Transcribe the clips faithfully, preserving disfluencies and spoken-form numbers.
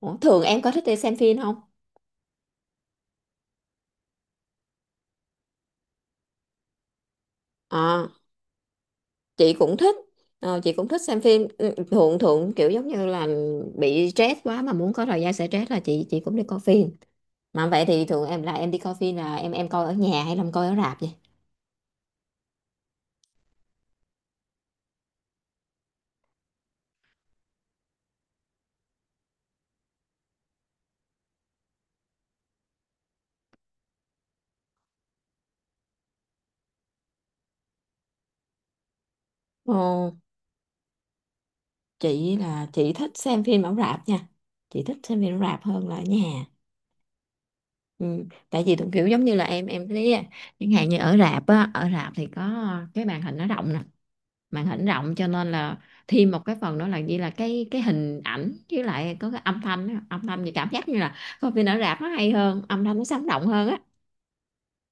Ủa, thường em có thích đi xem phim không? Ờ, chị cũng thích. Ờ, chị cũng thích xem phim. Ừ, thường thường kiểu giống như là bị stress quá mà muốn có thời gian sẽ stress là chị chị cũng đi coi phim. Mà vậy thì thường em là em đi coi phim là em em coi ở nhà hay là em coi ở rạp vậy? Ồ, chị là chị thích xem phim ở rạp nha. Chị thích xem phim ở rạp hơn là ở nhà. Ừ, tại vì thường kiểu giống như là em em thấy á, chẳng hạn như ở rạp á, ở rạp thì có cái màn hình nó rộng nè, màn hình rộng cho nên là thêm một cái phần nữa là gì, là cái cái hình ảnh với lại có cái âm thanh á. Âm thanh thì cảm giác như là coi phim ở rạp nó hay hơn, âm thanh nó sống động hơn á,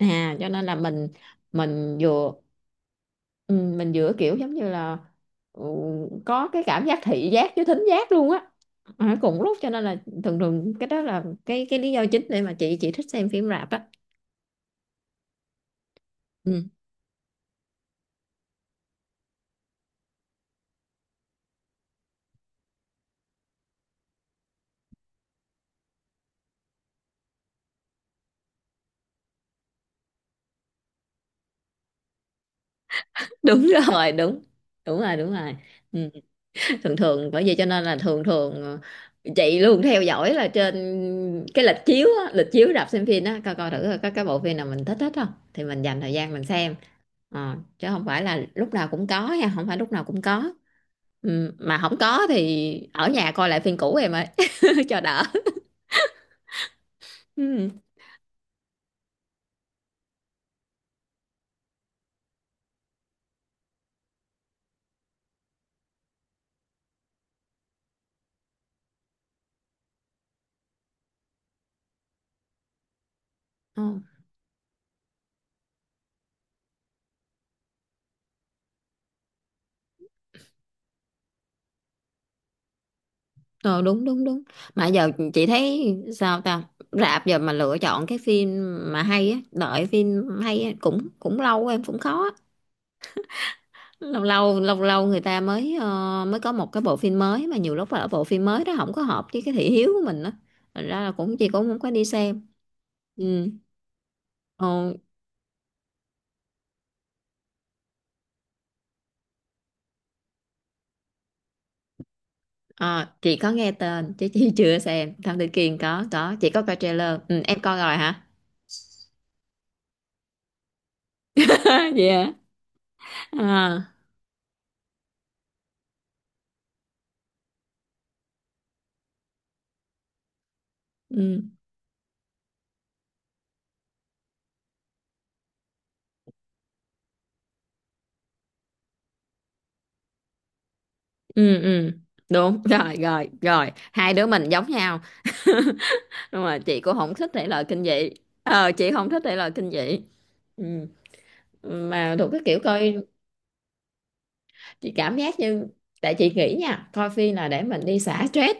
à cho nên là mình mình vừa ừ, mình vừa kiểu giống như là ừ, có cái cảm giác thị giác với thính giác luôn á, ở cùng lúc cho nên là thường thường cái đó là cái cái lý do chính để mà chị chị thích xem phim rạp á. Ừ, đúng rồi. Đúng, đúng rồi, đúng rồi. Ừ, thường thường bởi vậy cho nên là thường thường ờ, chị luôn theo dõi là trên cái lịch chiếu á, lịch chiếu rạp xem phim á, coi coi thử coi có cái bộ phim nào mình thích hết không thì mình dành thời gian mình xem. Ờ, chứ không phải là lúc nào cũng có nha, không phải lúc nào cũng có. Ừ, mà không có thì ở nhà coi lại phim cũ em ơi cho đỡ. Ừ. Ờ, ờ, đúng đúng đúng. Mà giờ chị thấy sao ta, rạp giờ mà lựa chọn cái phim mà hay á, đợi phim hay á, cũng cũng lâu em cũng khó, lâu lâu lâu lâu người ta mới ờ, mới có một cái bộ phim mới, mà nhiều lúc là bộ phim mới đó không có hợp với cái thị hiếu của mình á, thành ra là cũng chị cũng không có đi xem. Ừ. Ồ, à, chị có nghe tên chứ chị chưa xem Thám Tử Kiên, có có chị có coi trailer. Ừ, em coi rồi hả? Vậy hả? À. Ừ ừ ừ, đúng rồi rồi rồi, hai đứa mình giống nhau, nhưng mà chị cũng không thích thể loại kinh dị. Ờ, chị không thích thể loại kinh dị. Ừ. Mà thuộc cái kiểu coi, chị cảm giác như, tại chị nghĩ nha, coi phim là để mình đi xả stress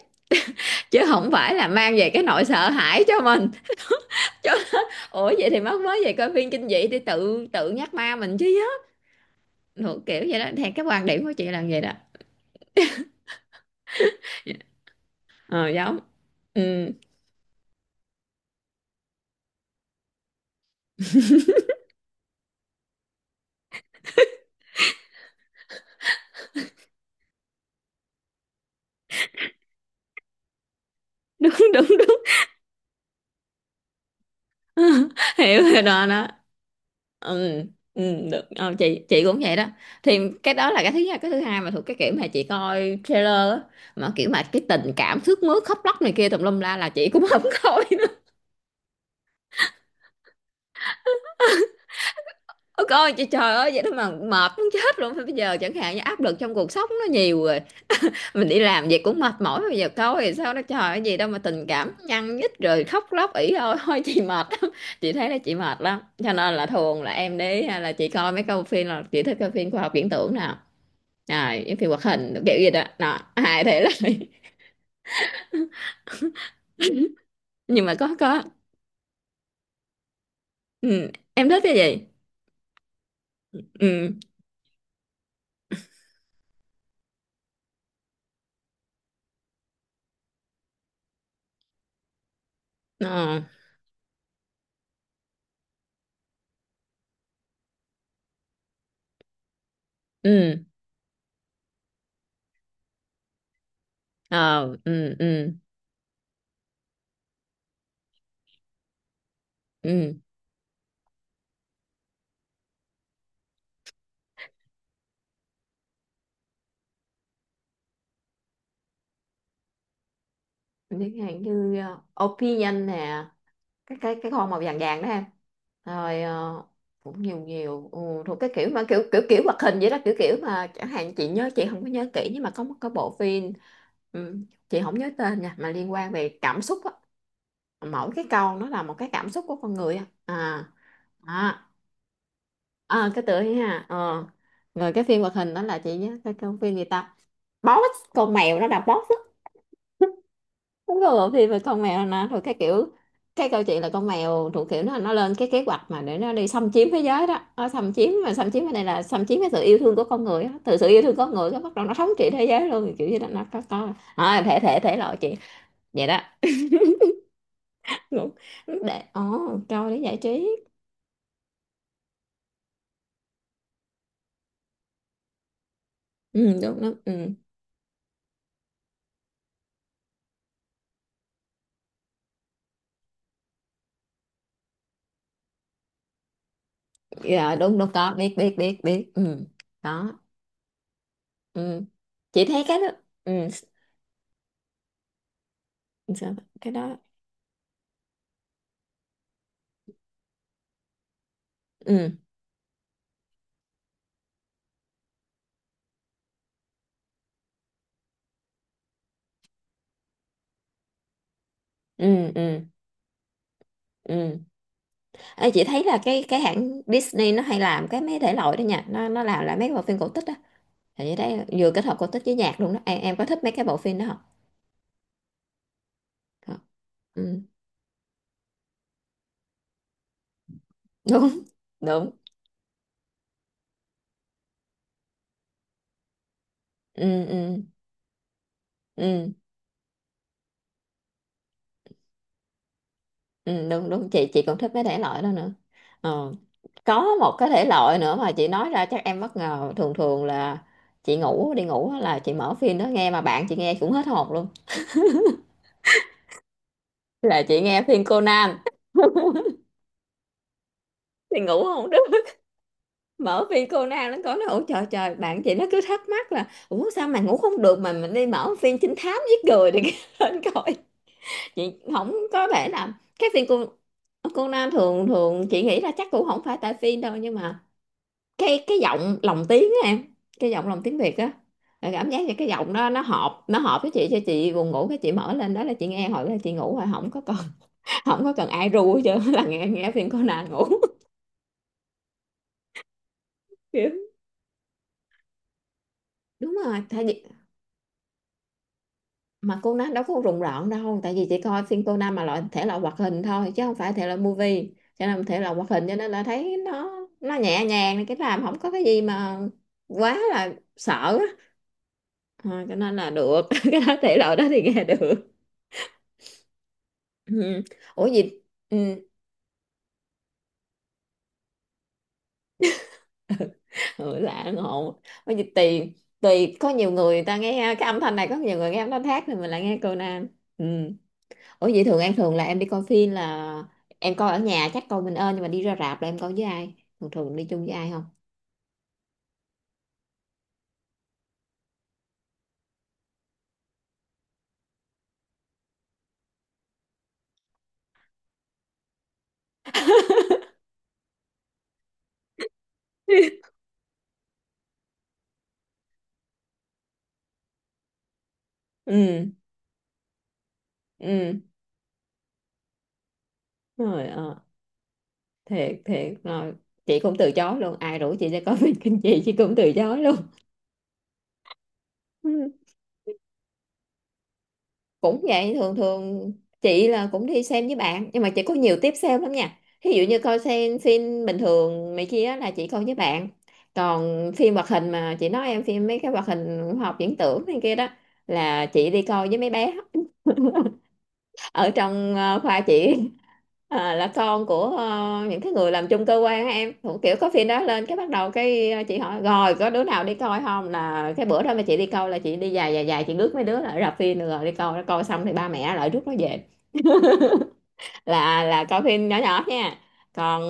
chứ không phải là mang về cái nỗi sợ hãi cho mình chứ. Ủa vậy thì mắc mới về coi phim kinh dị thì tự tự nhắc ma mình chứ á. Thuộc kiểu vậy đó, theo cái quan điểm của chị là vậy đó. Ờ giống. Ừ, đúng đúng đúng. Hiểu rồi, đó đó. Ừ ừ. Được. Ờ, chị chị cũng vậy đó, thì cái đó là cái thứ nhất, cái thứ hai mà thuộc cái kiểu mà chị coi trailer á, mà kiểu mà cái tình cảm thước mướt khóc lóc này kia tùm lum la là chị cũng không coi. Ôi coi trời, trời ơi vậy đó mà mệt muốn chết luôn, bây giờ chẳng hạn như áp lực trong cuộc sống nó nhiều rồi, mình đi làm vậy cũng mệt mỏi, bây giờ coi thì sao nó trời ơi, gì đâu mà tình cảm nhăn nhít rồi khóc lóc ỉ ôi thôi chị mệt lắm. Chị thấy là chị mệt lắm, cho nên là thường là em đi hay là chị coi mấy câu phim, là chị thích coi phim khoa học viễn tưởng nào, rồi những phim hoạt hình kiểu gì đó đó, hài thể lại. Nhưng mà có có. Ừ. Em thích cái gì? Ừ. Ờ. Ừ. Ờ. Ừ ừ ừ. Chẳng hạn như uh, opinion nè, cái cái cái con màu vàng vàng đó em, rồi ờ, cũng nhiều nhiều. Ừ, thuộc cái kiểu mà kiểu kiểu kiểu hoạt hình vậy đó, kiểu kiểu mà chẳng hạn chị nhớ, chị không có nhớ kỹ nhưng mà có một cái bộ phim, ừ, chị không nhớ tên nha, mà liên quan về cảm xúc á, mỗi cái câu nó là một cái cảm xúc của con người á. À, à, à cái tựa ấy ha. Ờ, rồi cái phim hoạt hình đó là chị nhớ cái, cái phim gì ta, boss con mèo, nó là boss á. Đúng rồi, thì về con mèo nè, rồi cái kiểu cái câu chuyện là con mèo thuộc kiểu nó nó lên cái kế hoạch mà để nó đi xâm chiếm thế giới đó, nó xâm chiếm, mà xâm chiếm ở đây là xâm chiếm cái sự yêu thương của con người á. Từ sự yêu thương con người cái bắt đầu nó thống trị thế giới luôn, kiểu như là nó có có à, thể thể thể loại chuyện vậy đó. Đúng. Để ồ câu để giải trí. Ừ, đúng đúng. Ừ. Dạ đúng đúng, có biết biết biết biết. Ừ. Đó. Ừ. Chị thấy cái đó. Ừ. Sao- cái đó. Ừ. Ừ. Ừ. Ừ. Ê, chị thấy là cái cái hãng Disney nó hay làm cái mấy thể loại đó nha, nó nó làm lại mấy bộ phim cổ tích á, thì chị thấy vừa kết hợp cổ tích với nhạc luôn đó, em em có thích mấy cái bộ phim đó không? Có. Ừ. Đúng đúng. Ừ, ừ, ừ, ừ, đúng đúng, chị chị còn thích mấy thể loại đó nữa. Ờ. Có một cái thể loại nữa mà chị nói ra chắc em bất ngờ, thường thường là chị ngủ đi ngủ á là chị mở phim đó nghe, mà bạn chị nghe cũng hết hồn luôn, là chị nghe phim Conan. Thì ngủ không được mở phim cô nào nó có nó, ủa trời trời bạn chị nó cứ thắc mắc là ủa sao mà ngủ không được mà mình đi mở phim trinh thám giết người thì lên coi. Chị không có thể là các phim cô cô Nam, thường thường chị nghĩ là chắc cũng không phải tại phim đâu, nhưng mà cái cái giọng lồng tiếng á em, cái giọng lồng tiếng Việt á, là cảm giác như cái giọng đó nó hợp nó hợp với chị, cho chị buồn ngủ, cái chị mở lên đó là chị nghe, hồi đó là chị ngủ rồi không có cần không có cần ai ru, chứ là nghe nghe phim Conan ngủ. Kiểu đúng rồi, tại vì mà cô Nam đâu có rùng rợn đâu, tại vì chị coi phim cô Nam mà loại thể loại hoạt hình thôi chứ không phải thể loại movie, cho nên thể loại hoạt hình, cho nên là thấy nó nó nhẹ nhàng, cái làm không có cái gì mà quá là sợ á. Ờ, cho nên là được cái đó, thể loại đó thì nghe được. Ừ. Ủa gì. Ừ. Ừ, lạ ngộ, ủa gì tùy, tùy có nhiều người, người ta nghe cái âm thanh này, có nhiều người nghe âm thanh khác, thì mình lại nghe cô Nam. Ừ. Ủa vậy thường em thường là em đi coi phim là em coi ở nhà chắc coi mình ơn, nhưng mà đi ra rạp là em coi với ai? Thường thường đi chung với ai không? Ừ, ừ, rồi ờ, thiệt thiệt rồi, chị cũng từ chối luôn, ai rủ chị ra coi phim kinh dị chị cũng từ chối luôn. Cũng vậy, thường thường chị là cũng đi xem với bạn, nhưng mà chị có nhiều tiếp xem lắm nha, ví dụ như coi xem phim bình thường này kia á là chị coi với bạn, còn phim hoạt hình mà chị nói em, phim mấy cái hoạt hình khoa học viễn tưởng này kia đó là chị đi coi với mấy bé ở trong ờ, khoa chị, ờ, là con của ờ, những cái người làm chung cơ quan á em, cũng kiểu có phim đó lên cái bắt đầu cái ờ, chị hỏi rồi có đứa nào đi coi không, là cái bữa đó mà chị đi coi là chị đi dài dài dài, chị rước mấy đứa lại rạp phim được rồi đi coi, nó coi xong thì ba mẹ lại rước nó về, là là coi phim nhỏ nhỏ nha. Còn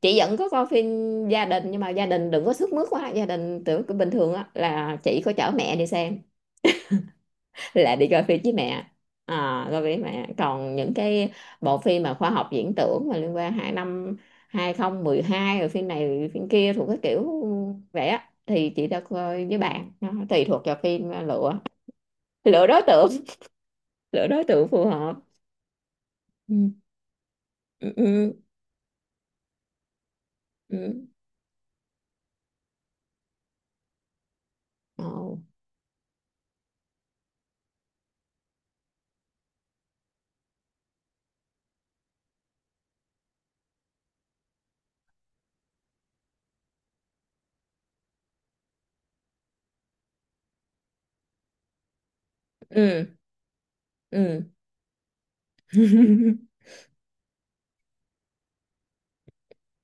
chị vẫn có coi phim gia đình, nhưng mà gia đình đừng có sức mướt quá, gia đình tưởng bình thường á là chị có chở mẹ đi xem, là đi coi phim với mẹ. À, coi phim với mẹ, còn những cái bộ phim mà khoa học viễn tưởng mà liên quan hai năm hai không một hai, rồi phim này rồi phim kia thuộc cái kiểu vậy á thì chị đã coi với bạn, nó tùy thuộc vào phim mà lựa, lựa đối tượng, lựa đối tượng phù hợp. Ừ ừ ừ ừ. Ồ. Ừ ừ.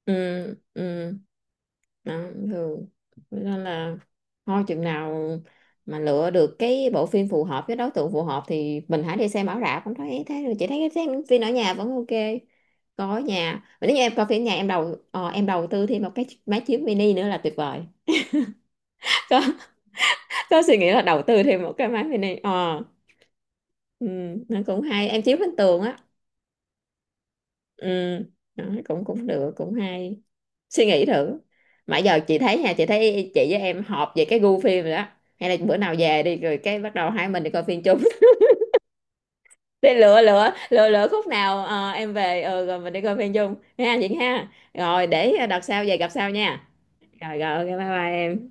Ừ ừ. Đó. Thường. Thế nên là thôi chừng nào mà lựa được cái bộ phim phù hợp với đối tượng phù hợp thì mình hãy đi xem ở rạp, không thấy thế rồi chị thấy xem phim ở nhà vẫn ok, coi ở nhà. Mà nếu như em coi phim ở nhà, em đầu ờ, em đầu tư thêm một cái máy chiếu mini nữa là tuyệt vời. có có suy nghĩ là đầu tư thêm một cái máy mini ờ. Ừ, nó cũng hay, em chiếu lên tường á. Ừ, đó, cũng cũng được, cũng hay, suy nghĩ thử. Mà giờ chị thấy nha, chị thấy chị với em họp về cái gu phim rồi đó, hay là bữa nào về đi rồi cái bắt đầu hai mình đi coi phim chung. Để lựa lựa lựa lựa khúc nào ờ, em về ờ, rồi mình đi coi phim chung ha chị ha. Rồi để đợt sau về gặp sau nha. Rồi rồi ok bye bye em.